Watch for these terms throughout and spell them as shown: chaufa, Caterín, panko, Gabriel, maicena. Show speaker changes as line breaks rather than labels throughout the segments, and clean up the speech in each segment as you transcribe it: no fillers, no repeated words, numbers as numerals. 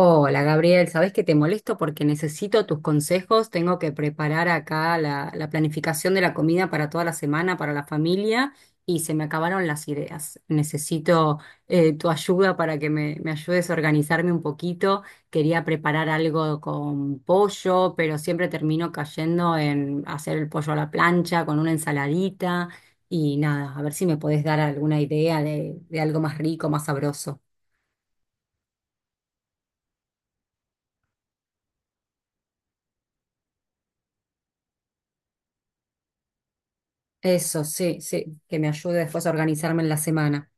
Hola Gabriel, sabes que te molesto porque necesito tus consejos. Tengo que preparar acá la planificación de la comida para toda la semana, para la familia, y se me acabaron las ideas. Necesito tu ayuda para que me ayudes a organizarme un poquito. Quería preparar algo con pollo, pero siempre termino cayendo en hacer el pollo a la plancha con una ensaladita y nada, a ver si me podés dar alguna idea de algo más rico, más sabroso. Eso, sí, sí, que me ayude después a organizarme en la semana.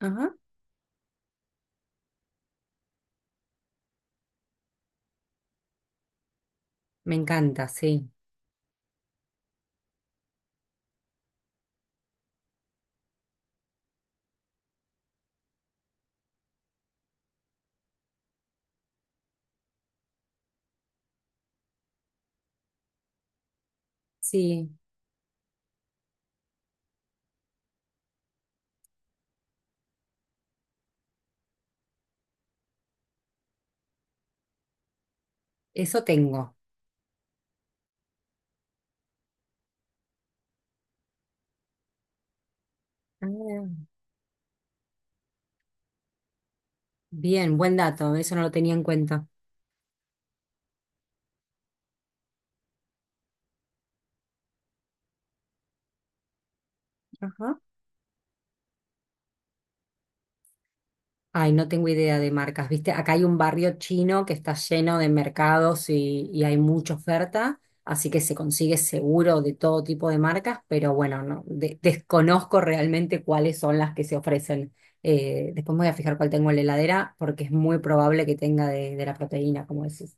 Ajá, me encanta, sí, sí, eso tengo. Ah, bien, buen dato, eso no lo tenía en cuenta. Ajá. Ay, no tengo idea de marcas, ¿viste? Acá hay un barrio chino que está lleno de mercados y hay mucha oferta, así que se consigue seguro de todo tipo de marcas, pero bueno, no, de- desconozco realmente cuáles son las que se ofrecen. Después me voy a fijar cuál tengo en la heladera porque es muy probable que tenga de la proteína, como decís.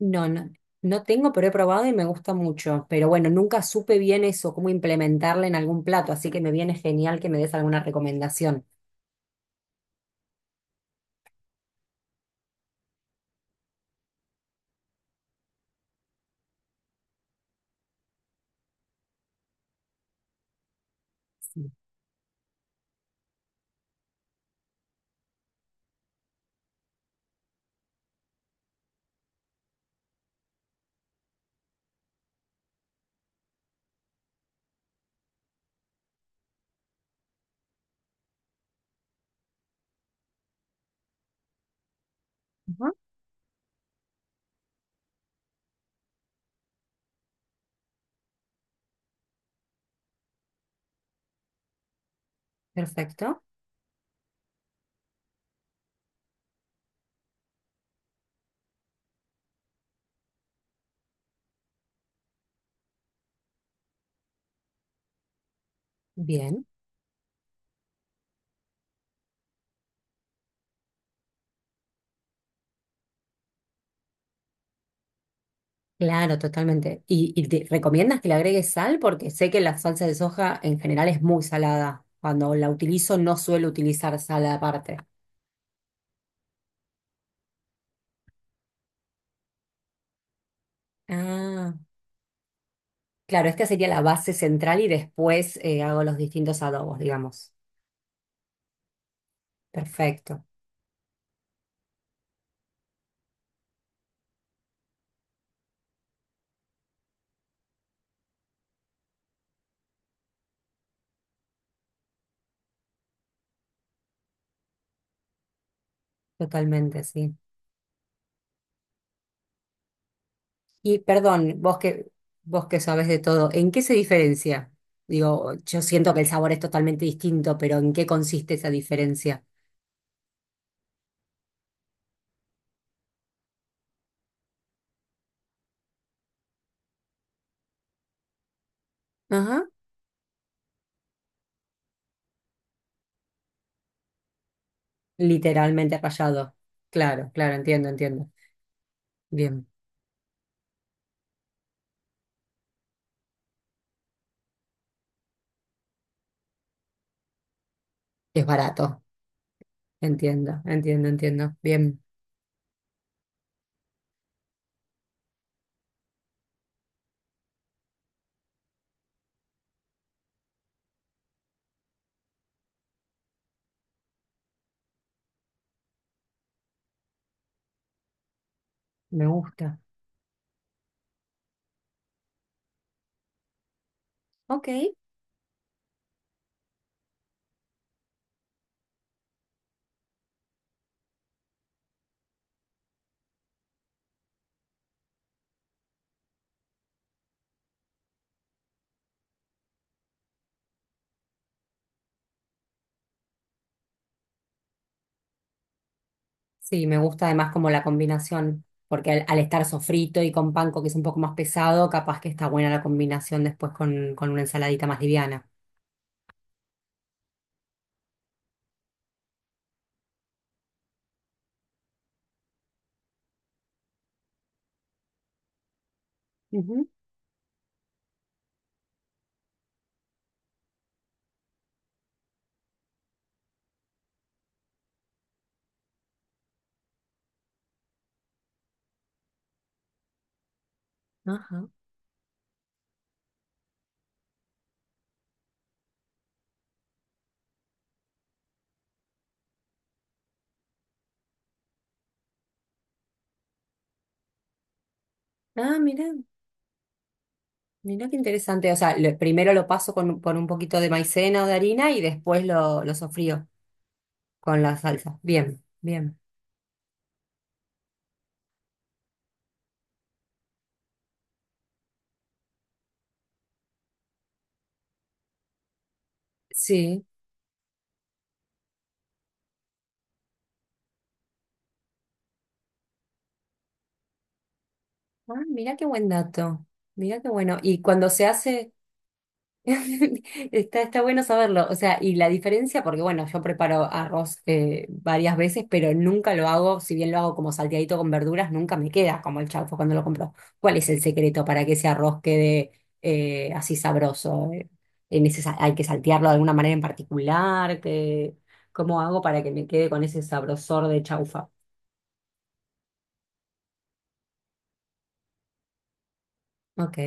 No, no, no tengo, pero he probado y me gusta mucho. Pero bueno, nunca supe bien eso, cómo implementarla en algún plato, así que me viene genial que me des alguna recomendación. Sí. Ajá. Perfecto, bien. Claro, totalmente. Y te recomiendas que le agregues sal? Porque sé que la salsa de soja en general es muy salada. Cuando la utilizo no suelo utilizar sal aparte. Ah, claro, esta sería la base central y después hago los distintos adobos, digamos. Perfecto, totalmente, sí. Y perdón, vos que sabés de todo, ¿en qué se diferencia? Digo, yo siento que el sabor es totalmente distinto, pero ¿en qué consiste esa diferencia? Ajá. Literalmente rallado. Claro, claro, entiendo, entiendo. Bien, es barato. Entiendo, entiendo, entiendo. Bien, me gusta. Ok. Sí, me gusta además como la combinación, porque al, al estar sofrito y con panko que es un poco más pesado, capaz que está buena la combinación después con una ensaladita más liviana. Ujú. Ajá. Ah, mira. Mirá qué interesante. O sea, lo- primero lo paso con, un- por un poquito de maicena o de harina y después lo sofrío con la salsa. Bien, bien. Sí. Ah, mirá qué buen dato. Mirá qué bueno. Y cuando se hace. Está, está bueno saberlo. O sea, y la diferencia, porque bueno, yo preparo arroz varias veces, pero nunca lo hago, si bien lo hago como salteadito con verduras, nunca me queda como el chaufa cuando lo compro. ¿Cuál es el secreto para que ese arroz quede así sabroso? En ese sa- ¿hay que saltearlo de alguna manera en particular? ¿Qué- cómo hago para que me quede con ese sabrosor de chaufa? Ok,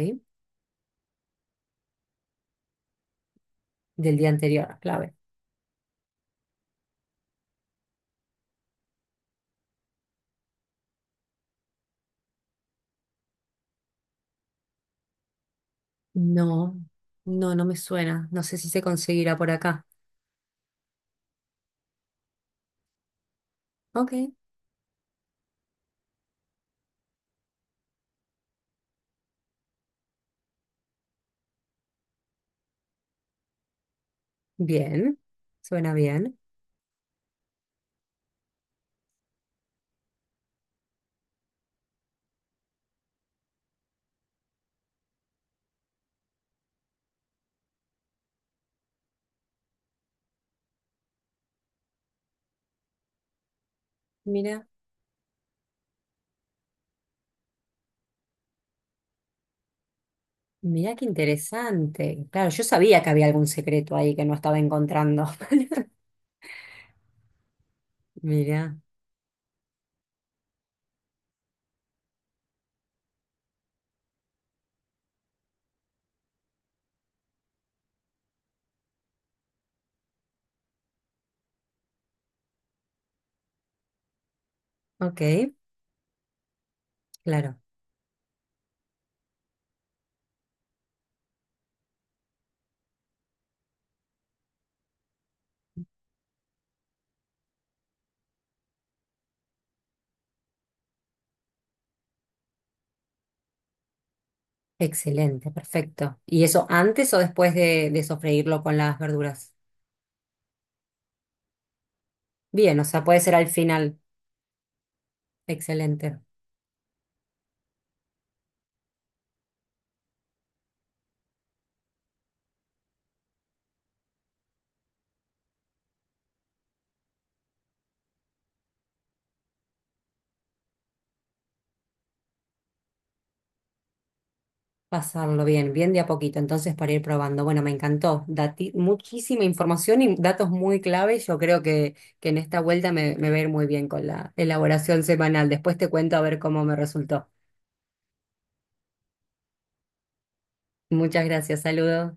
del día anterior, clave. No, no, no me suena. No sé si se conseguirá por acá. Ok. Bien, suena bien. Mira, mira qué interesante. Claro, yo sabía que había algún secreto ahí que no estaba encontrando. Mira, ok, claro. Excelente, perfecto. ¿Y eso antes o después de sofreírlo con las verduras? Bien, o sea, puede ser al final. Excelente. Pasarlo bien, bien de a poquito, entonces para ir probando. Bueno, me encantó. Dati- muchísima información y datos muy clave. Yo creo que en esta vuelta me, me va a ir muy bien con la elaboración semanal. Después te cuento a ver cómo me resultó. Muchas gracias, saludos.